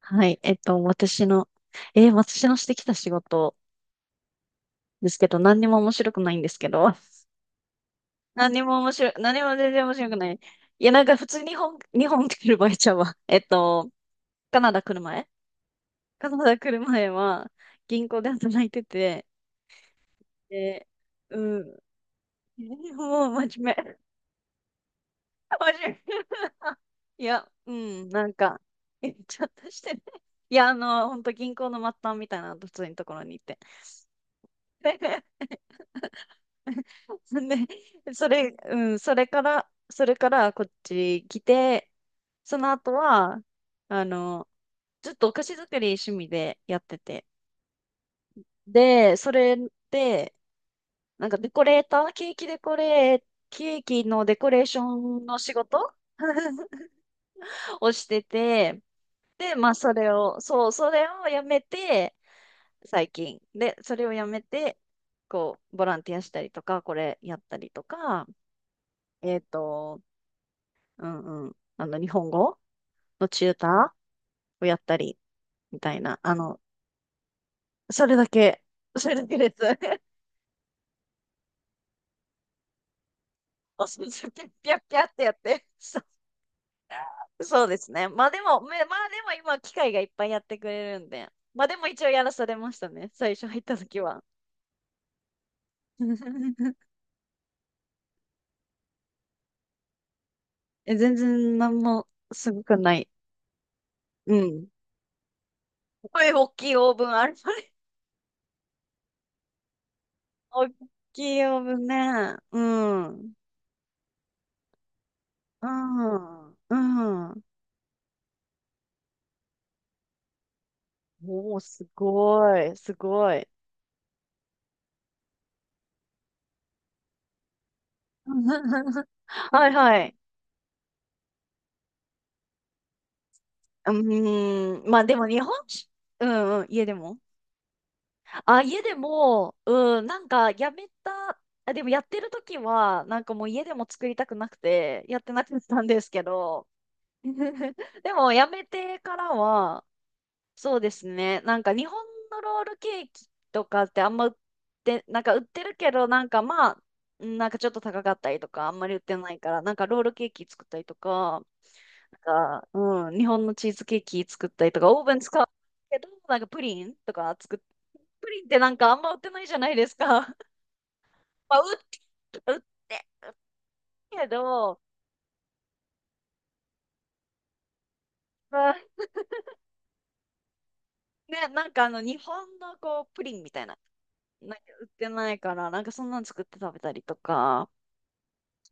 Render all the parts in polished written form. はい。私のしてきた仕事ですけど、何にも面白くないんですけど、何も全然面白くない。いや、なんか普通日本、日本来る場合ちゃうわ。カナダ来る前カナダ来る前は、銀行で働いてて、で、うん、もう真面目。真面目。いや、うん、なんか、え、ちょっとしてね。いや、あの、本当銀行の末端みたいな、普通のところに行って。そんで、うん、それからこっち来て、その後は、あの、ずっとお菓子作り趣味でやってて。で、それで、デコレーター、ケーキデコレー、ケーキのデコレーションの仕事 をしてて、で、それをやめて、最近。で、それをやめて、こう、ボランティアしたりとか、これやったりとか、えっと、うんうん。あの、日本語のチューターをやったり、みたいな。あの、それだけ、それだけです。おすすピャッピャッピャッってやって。そう、そうですね。まあでも、めまあでも今、機械がいっぱいやってくれるんで。まあでも一応やらされましたね。最初入った時は。え、全然なんもすごくない。うん。これ大きいオーブンある。大きいオーブンね。うん。うん。うん。おお、すごい、すごい。はいはい。うーん、まあでも日本酒、うんうん、家でも。あ、家でも、うん、なんかやめた、あ、でもやってる時は、なんかもう家でも作りたくなくて、やってなくなったんですけど、でもやめてからは、そうですね。なんか日本のロールケーキとかってあんま売って、なんか売ってるけど、なんかまあ、うんなんかちょっと高かったりとか、あんまり売ってないから、なんかロールケーキ作ったりとか、なんか、うん、日本のチーズケーキ作ったりとか、オーブン使うけど、なんかプリンとか作っ、プリンってなんかあんま売ってないじゃないですか。売ってるけど、まあ、ね、なんかあの日本のこう、プリンみたいな、なんか売ってないから、なんかそんなの作って食べたりとか、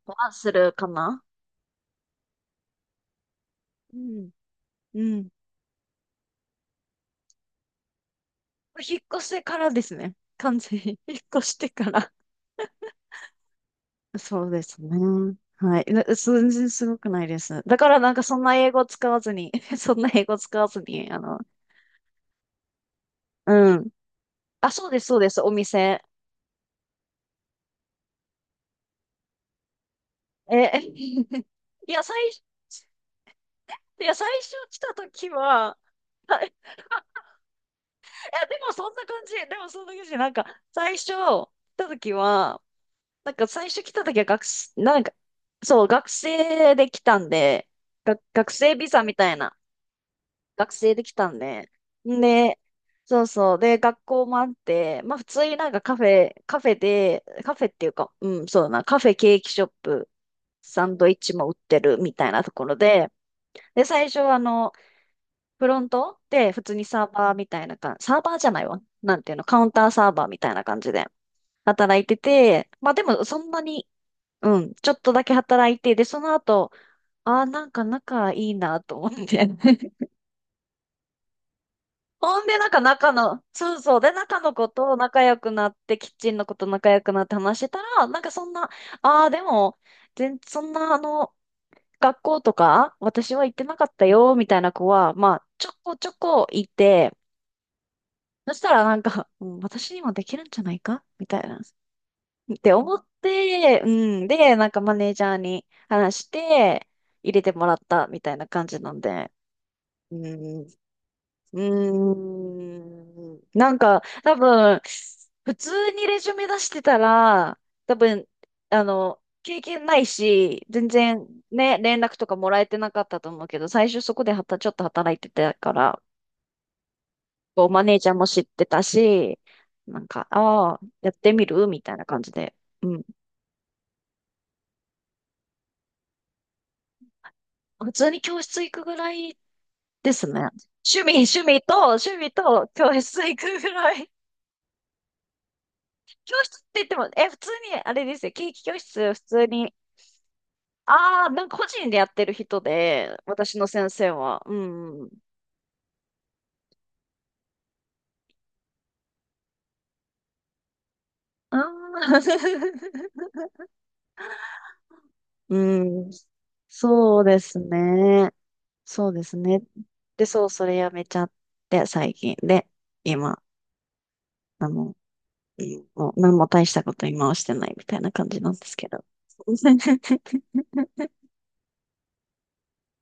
はするかなうん。うん。引っ越してからですね。完全に。引っ越してから。そうですね。はい。な全然すごくないです。だからなんかそんな英語使わずに、そんな英語使わずに、あの、うん。あ、そうです、そうです、お店。え、いや、最、いや、最初来た時は、はい でもそんな感じ。なんか、最初来た時は、なんか最初来た時は学生、なんか、そう、学生で来たんで、が学生ビザみたいな、学生で来たんで、で、そうそう、で、学校もあって、まあ普通になんかカフェ、カフェで、カフェっていうか、うん、そうだな、カフェ、ケーキショップ、サンドイッチも売ってるみたいなところで、で、最初はあの、フロントで普通にサーバーみたいな感じ、サーバーじゃないわ。なんていうの、カウンターサーバーみたいな感じで働いてて、まあでもそんなにうん、ちょっとだけ働いて、で、その後、ああ、なんか仲いいなと思って。ほんで、なんか仲の、そうそう、で、仲の子と仲良くなって、キッチンの子と仲良くなって話してたら、なんかそんな、ああ、でも、全、そんな、あの、学校とか、私は行ってなかったよ、みたいな子は、まあ、ちょこちょこいて、そしたらなんか、うん、私にもできるんじゃないかみたいな。って思って、うん。で、なんかマネージャーに話して、入れてもらったみたいな感じなんで。うん。うーん。普通にレジュメ出してたら、多分、あの、経験ないし、全然ね、連絡とかもらえてなかったと思うけど、最初そこではた、ちょっと働いてたから、こう、マネージャーも知ってたし、なんか、ああ、やってみるみたいな感じで。普通に教室行くぐらいですね。趣味と教室行くぐらい。教室って言っても、え、普通に、あれですよ、ケーキ教室、普通に。ああ、なんか個人でやってる人で、私の先生は。うん。ああ、うん。そうですね。そうですね。で、そう、それやめちゃって、最近。で、今、あの、うんもう何も大したこと今はしてないみたいな感じなんですけど。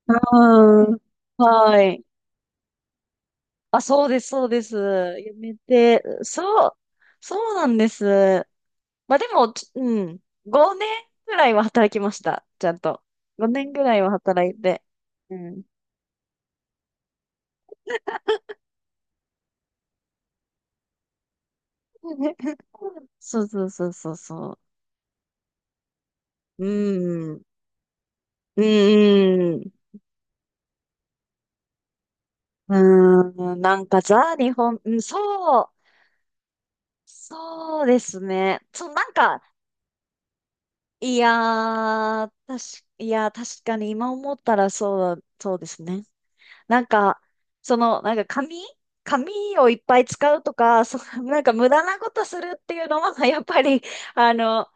うん。はい。あ、そうです、そうです。やめて、そう、そうなんです。まあでも、ちうん。5年ぐらいは働きました。ちゃんと。5年ぐらいは働いて。うん。そうそうそうそうそう。うん。うん。うーん。なんかザ・日本、うん、そう。そうですね。そう、なんか、いやー、確かに今思ったらそう、そうですね。なんか、その、紙をいっぱい使うとか、その、なんか無駄なことするっていうのは、やっぱり、あの、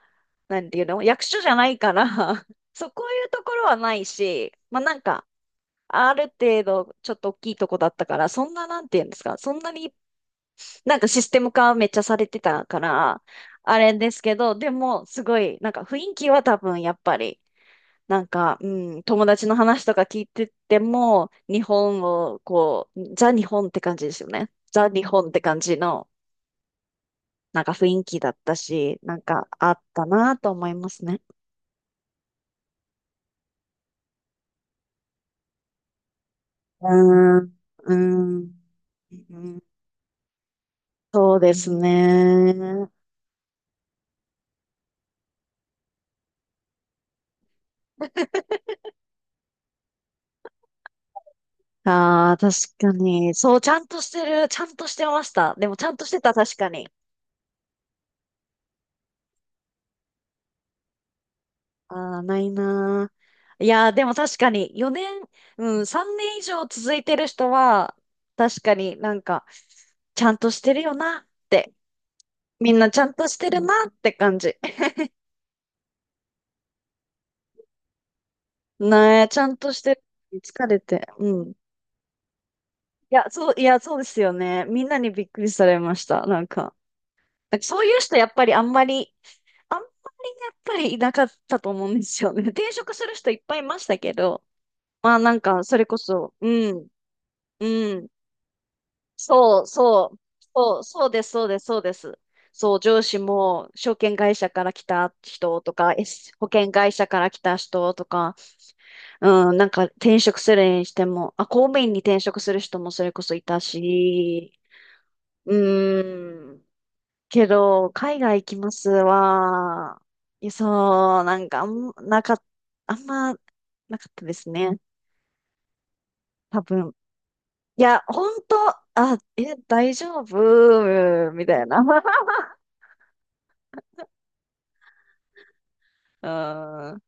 なんていうの、役所じゃないから、そう、こういうところはないし、まあなんか、ある程度、ちょっと大きいとこだったから、そんな、なんていうんですか、そんなに、なんかシステム化めっちゃされてたから、あれですけど、でも、すごい、なんか雰囲気は多分、やっぱり、なんか、うん、友達の話とか聞いてても、日本を、こう、ザ日本って感じですよね。ザ日本って感じの、なんか雰囲気だったし、なんかあったなと思いますね。うーん、うーん、うんそうですね。ああ、確かに。そう、ちゃんとしてる、ちゃんとしてました。でも、ちゃんとしてた、確かに。ああ、ないなー。いやー、でも確かに4年、うん、3年以上続いてる人は、確かになんか、ちゃんとしてるよなって、みんなちゃんとしてるなって感じ。ねえ、ちゃんとしてる。疲れて。うん。いや、そうですよね。みんなにびっくりされました。なんか、なんかそういう人やっぱりあんまり、あんまりやっぱりいなかったと思うんですよね。転職する人いっぱいいましたけど、まあなんか、それこそ、うん、うん。そう、そう、そうです、そうです、そうです。そう、上司も証券会社から来た人とか、S 保険会社から来た人とか、うん、なんか転職するにしても、あ、公務員に転職する人もそれこそいたし、うん、けど、海外行きますは、いやそう、なんかあん、なかっ、あんま、なかったですね。多分。いや、本当、あ、え、大丈夫みたいな。ああ、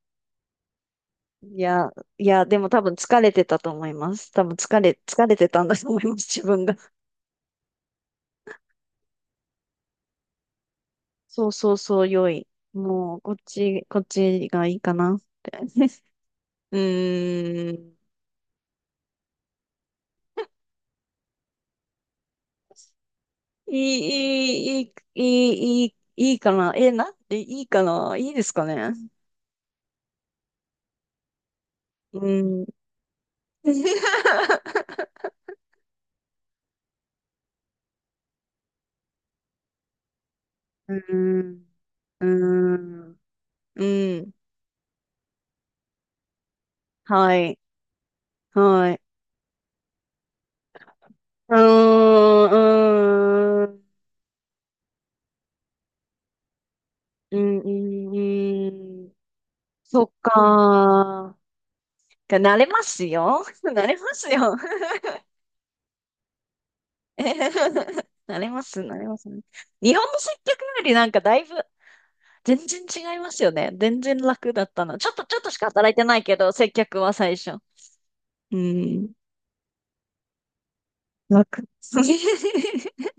いや、いや、でも多分疲れてたと思います。多分疲れ、疲れてたんだと思います、自分が。そうそうそう、良い。もう、こっち、こっちがいいかなって。うーん。いい、いい、いい、いい、いい、いいかな。え、なんでいいかな。いいですかね。うーん。うーん。うーん。うん。はい。はい。うーん。うーんうんうんうん。そっかー。慣れますよ。慣れますよ。えへへへ慣れます、慣れます。日本の接客よりなんかだいぶ全然違いますよね。全然楽だったな。ちょっとしか働いてないけど、接客は最初。うん。楽。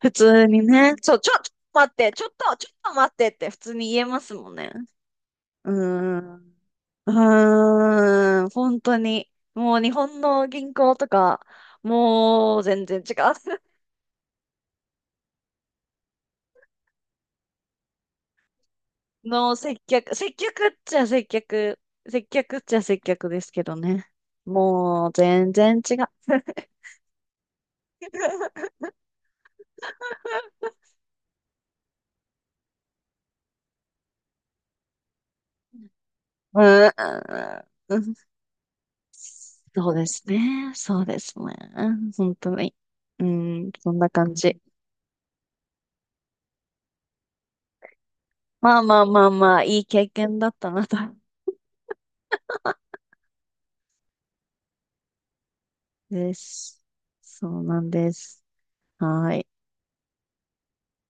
普通にね。そう、ちょっと待ってって普通に言えますもんね。うん。うーん、本当に。もう日本の銀行とか、もう全然違う。の接客、接客っちゃ接客、接客っちゃ接客ですけどね。もう全然違う。うん、うんそうですね。そうですね。本当に。うん、そんな感じ。まあまあまあまあ、いい経験だったなと。です。そうなんです。はい。